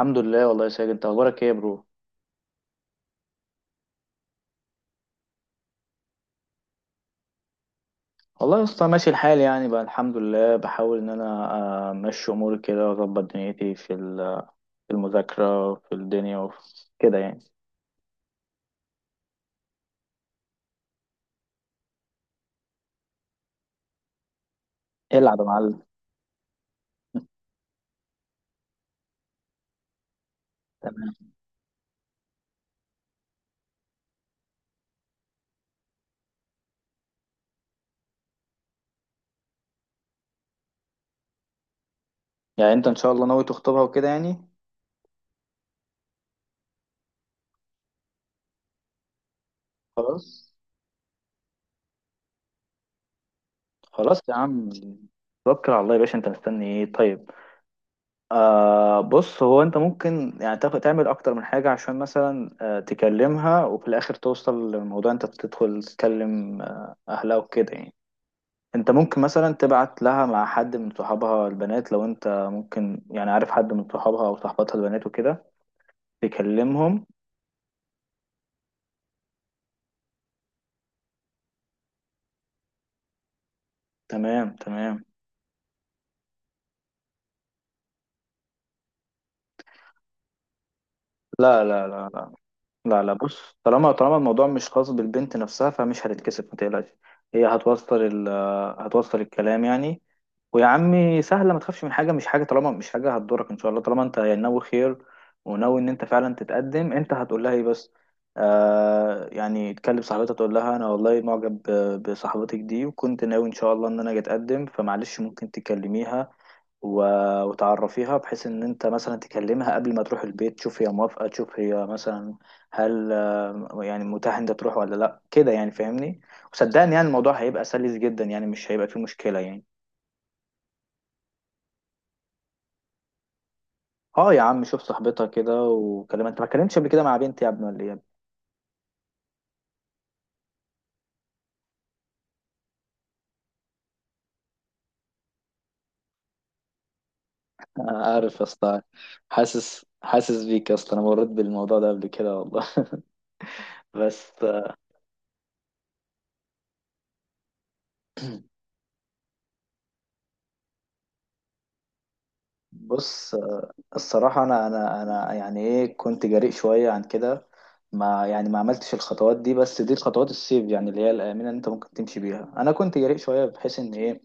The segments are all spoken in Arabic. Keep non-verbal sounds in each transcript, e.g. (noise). الحمد لله والله يا ساجد، انت اخبارك ايه يا برو؟ والله يا اسطى ماشي الحال، يعني بقى الحمد لله، بحاول ان انا امشي اموري كده واظبط دنيتي في في المذاكره في الدنيا وفي كده يعني. العب يا معلم. تمام، يعني انت ان شاء الله ناوي تخطبها وكده يعني. خلاص. خلاص يا عم، توكل على الله يا باشا، انت مستني ايه طيب؟ بص، هو انت ممكن يعني تعمل اكتر من حاجه، عشان مثلا تكلمها وفي الاخر توصل للموضوع، انت تدخل تكلم اهلها وكده يعني. انت ممكن مثلا تبعت لها مع حد من صحابها البنات لو انت ممكن يعني عارف حد من صحابها او صحباتها البنات وكده تكلمهم. تمام، تمام. لا لا لا، لا لا، بص طالما الموضوع مش خاص بالبنت نفسها، فمش هتتكسف، ما تقلقش. هي هتوصل هتوصل الكلام يعني. ويا عمي سهلة، ما تخافش من حاجة، مش حاجة طالما مش حاجة هتضرك إن شاء الله، طالما أنت يعني ناوي خير، وناوي إن أنت فعلا تتقدم. أنت هتقول لها إيه بس؟ يعني تكلم صاحبتها، تقول لها أنا والله معجب بصاحبتك دي، وكنت ناوي إن شاء الله إن أنا أجي أتقدم، فمعلش ممكن تكلميها وتعرفيها، بحيث ان انت مثلا تكلمها قبل ما تروح البيت، تشوف هي موافقة، تشوف هي مثلا هل يعني متاح انت تروح ولا لا كده يعني فاهمني. وصدقني، يعني الموضوع هيبقى سلس جدا، يعني مش هيبقى فيه مشكلة يعني. اه يا عم، شوف صاحبتها كده وكلمها. انت ما اتكلمتش قبل كده مع بنتي يا ابني ولا ايه يا ابني؟ انا عارف يا اسطى، حاسس حاسس بيك يا اسطى، انا مريت بالموضوع ده قبل كده والله. (laughs) بس بص، الصراحة أنا يعني إيه، كنت جريء شوية عن كده. ما يعني ما عملتش الخطوات دي، بس دي الخطوات السيف يعني اللي هي الآمنة، اللي أنت ممكن تمشي بيها. أنا كنت جريء شوية بحيث إن إيه،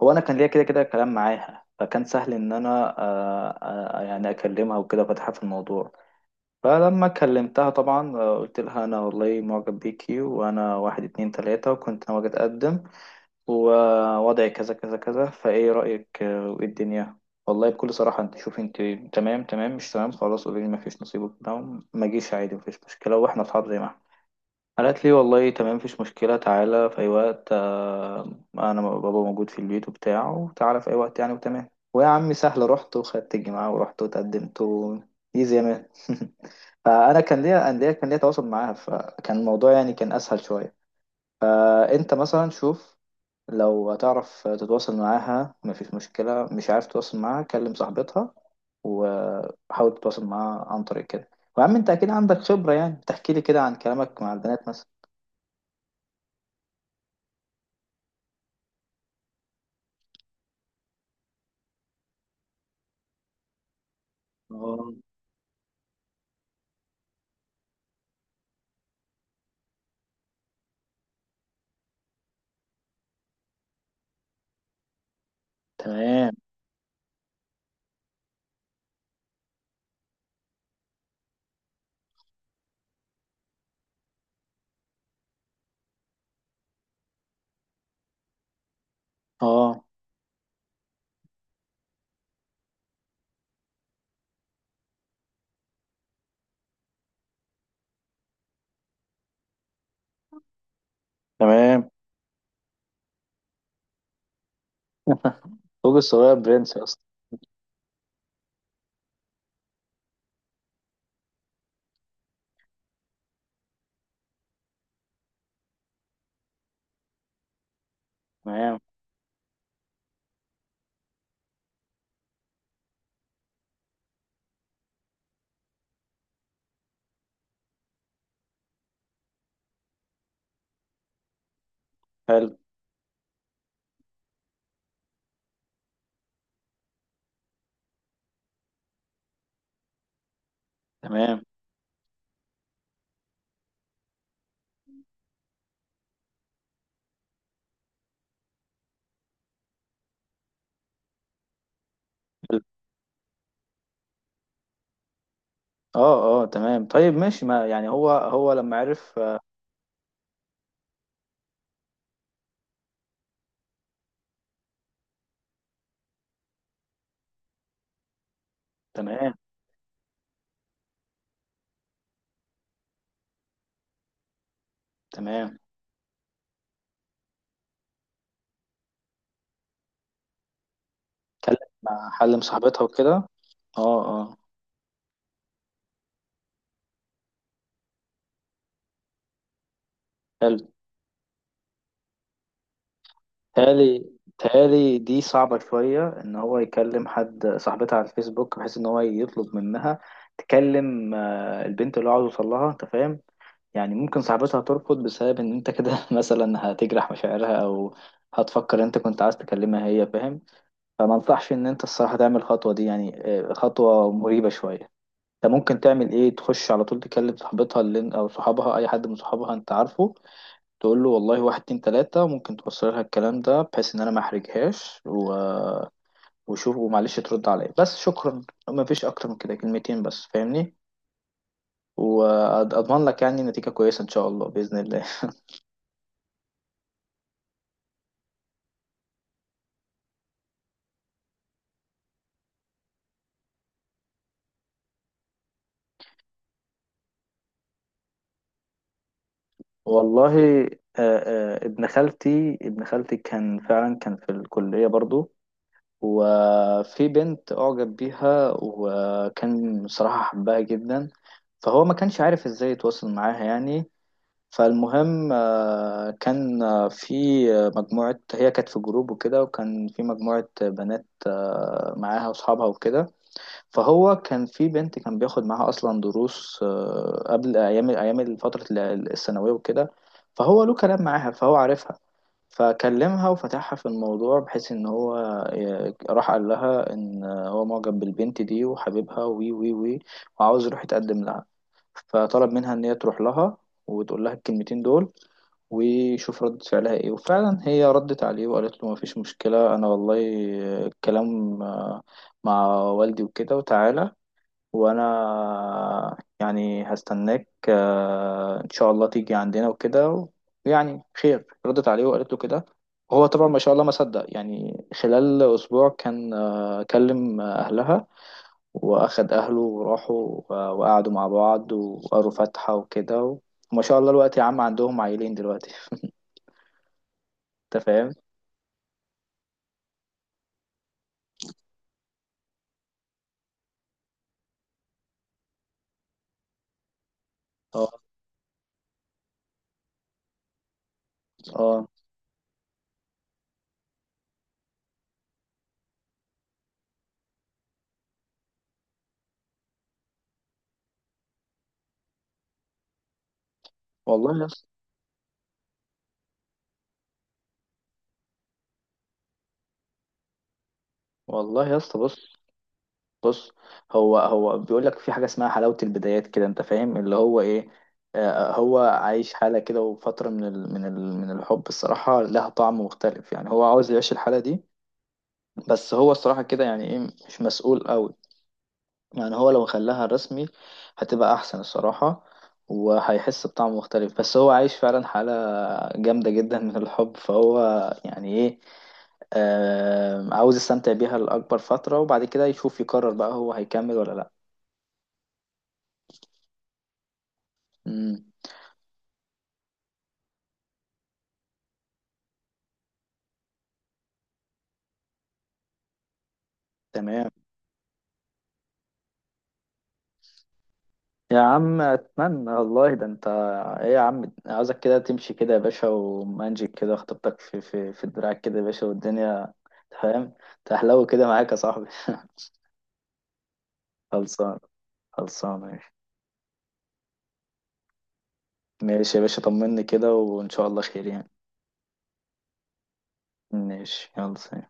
هو أنا كان ليا كده كده كلام معاها، فكان سهل إن أنا يعني أكلمها وكده فتحها في الموضوع. فلما كلمتها طبعا، قلت لها أنا والله معجب بيكي، وأنا واحد اتنين تلاتة وكنت ناوي أجي أتقدم، ووضعي كذا كذا كذا، فايه رأيك، وايه الدنيا. والله بكل صراحة انت شوف، انت تمام تمام، مش تمام خلاص قولي لي ما فيش نصيب وبتاع، ما جيش عادي، ما فيش مشكلة واحنا اصحاب زي ما احنا. قالت لي والله تمام، مفيش مشكلة، تعالى في أي وقت، أنا بابا موجود في البيت وبتاع، وتعالى في أي وقت يعني، وتمام. ويا عمي سهلة، رحت وخدت الجماعة ورحت وتقدمت و... إيزي يا مان. (laughs) فأنا كان ليا تواصل معاها، فكان الموضوع يعني كان أسهل شوية. فأنت مثلا شوف، لو هتعرف تتواصل معاها مفيش مشكلة، مش عارف تتواصل معاها كلم صاحبتها، وحاول تتواصل معاها عن طريق كده. وعم انت اكيد عندك خبرة يعني، بتحكي لي كده عن كلامك مع البنات مثلا. اه تمام. اه تمام. فوق الصغير برنس يا اسطى. تمام، حلو. تمام، حلو. اه اه تمام. طيب ماشي، ما يعني هو هو لما عرف تمام. تمام. اتكلم مع حل مصاحبتها وكده. اه اه. حلو. تالي، تالي دي صعبة شوية، إن هو يكلم حد صاحبتها على الفيسبوك بحيث إن هو يطلب منها تكلم البنت اللي هو عاوز يوصل لها، أنت فاهم. يعني ممكن صاحبتها ترفض بسبب إن أنت كده، (laughs) مثلا هتجرح مشاعرها، أو هتفكر أنت كنت عايز تكلمها هي، فاهم. فما أنصحش إن أنت الصراحة تعمل الخطوة دي يعني، خطوة مريبة شوية. أنت ممكن تعمل إيه، تخش على طول تكلم صاحبتها اللي أو صحابها، أي حد من صحابها أنت عارفه، تقول له والله واحد اتنين تلاتة، ممكن توصل لها الكلام ده بحيث ان انا ما احرجهاش و... وشوف ومعلش ترد عليا بس شكرا. ما فيش اكتر من كده، كلمتين بس فاهمني، واضمن لك يعني نتيجة كويسة ان شاء الله بإذن الله. (laughs) والله ابن خالتي كان فعلا كان في الكلية برضو، وفي بنت أعجب بيها، وكان صراحة حبها جدا. فهو ما كانش عارف ازاي يتواصل معاها يعني. فالمهم كان في مجموعة، هي كانت في جروب وكده، وكان في مجموعة بنات معاها وأصحابها وكده. فهو كان في بنت كان بياخد معاها أصلا دروس قبل أيام أيام فترة الثانوية وكده. فهو له كلام معاها فهو عارفها. فكلمها وفتحها في الموضوع، بحيث إن هو راح قال لها إن هو معجب بالبنت دي وحبيبها وي وي وي، وعاوز يروح يتقدم لها. فطلب منها ان هي تروح لها وتقول لها الكلمتين دول، ويشوف ردة فعلها ايه. وفعلا هي ردت عليه وقالت له مفيش مشكلة، انا والله الكلام مع والدي وكده، وتعالى وانا يعني هستناك، ان شاء الله تيجي عندنا وكده. يعني خير، ردت عليه وقالت له كده. وهو طبعا ما شاء الله ما صدق، يعني خلال اسبوع كان كلم اهلها، واخد اهله وراحوا وقعدوا مع بعض وقروا فاتحة وكده. وما شاء الله الوقت، يا عم عندهم عيلين دلوقتي. (laughs) انت فاهم. اه اه والله يا اسطى. والله يا اسطى بص، بص هو هو بيقول لك في حاجة اسمها حلاوة البدايات كده، انت فاهم اللي هو ايه. هو عايش حالة كده، وفترة من ال من ال من الحب الصراحة، لها طعم مختلف يعني هو عاوز يعيش الحالة دي. بس هو الصراحة كده يعني ايه، مش مسؤول قوي. يعني هو لو خلاها رسمي هتبقى احسن الصراحة، وهيحس بطعم مختلف. بس هو عايش فعلا حالة جامدة جدا من الحب، فهو يعني ايه، عاوز يستمتع بيها لأكبر فترة، وبعد كده يشوف يقرر بقى هو هيكمل ولا لأ. مم. تمام. يا عم أتمنى والله، ده أنت. إيه يا عم، عاوزك كده تمشي كده يا باشا، ومانجيك كده خطيبتك في دراعك كده يا باشا والدنيا، فاهم. تحلو كده معاك يا صاحبي. (laughs) خلصان. خلصان. ماشي يا باشا، طمني كده وإن شاء الله خير يعني. ماشي، يلا سلام.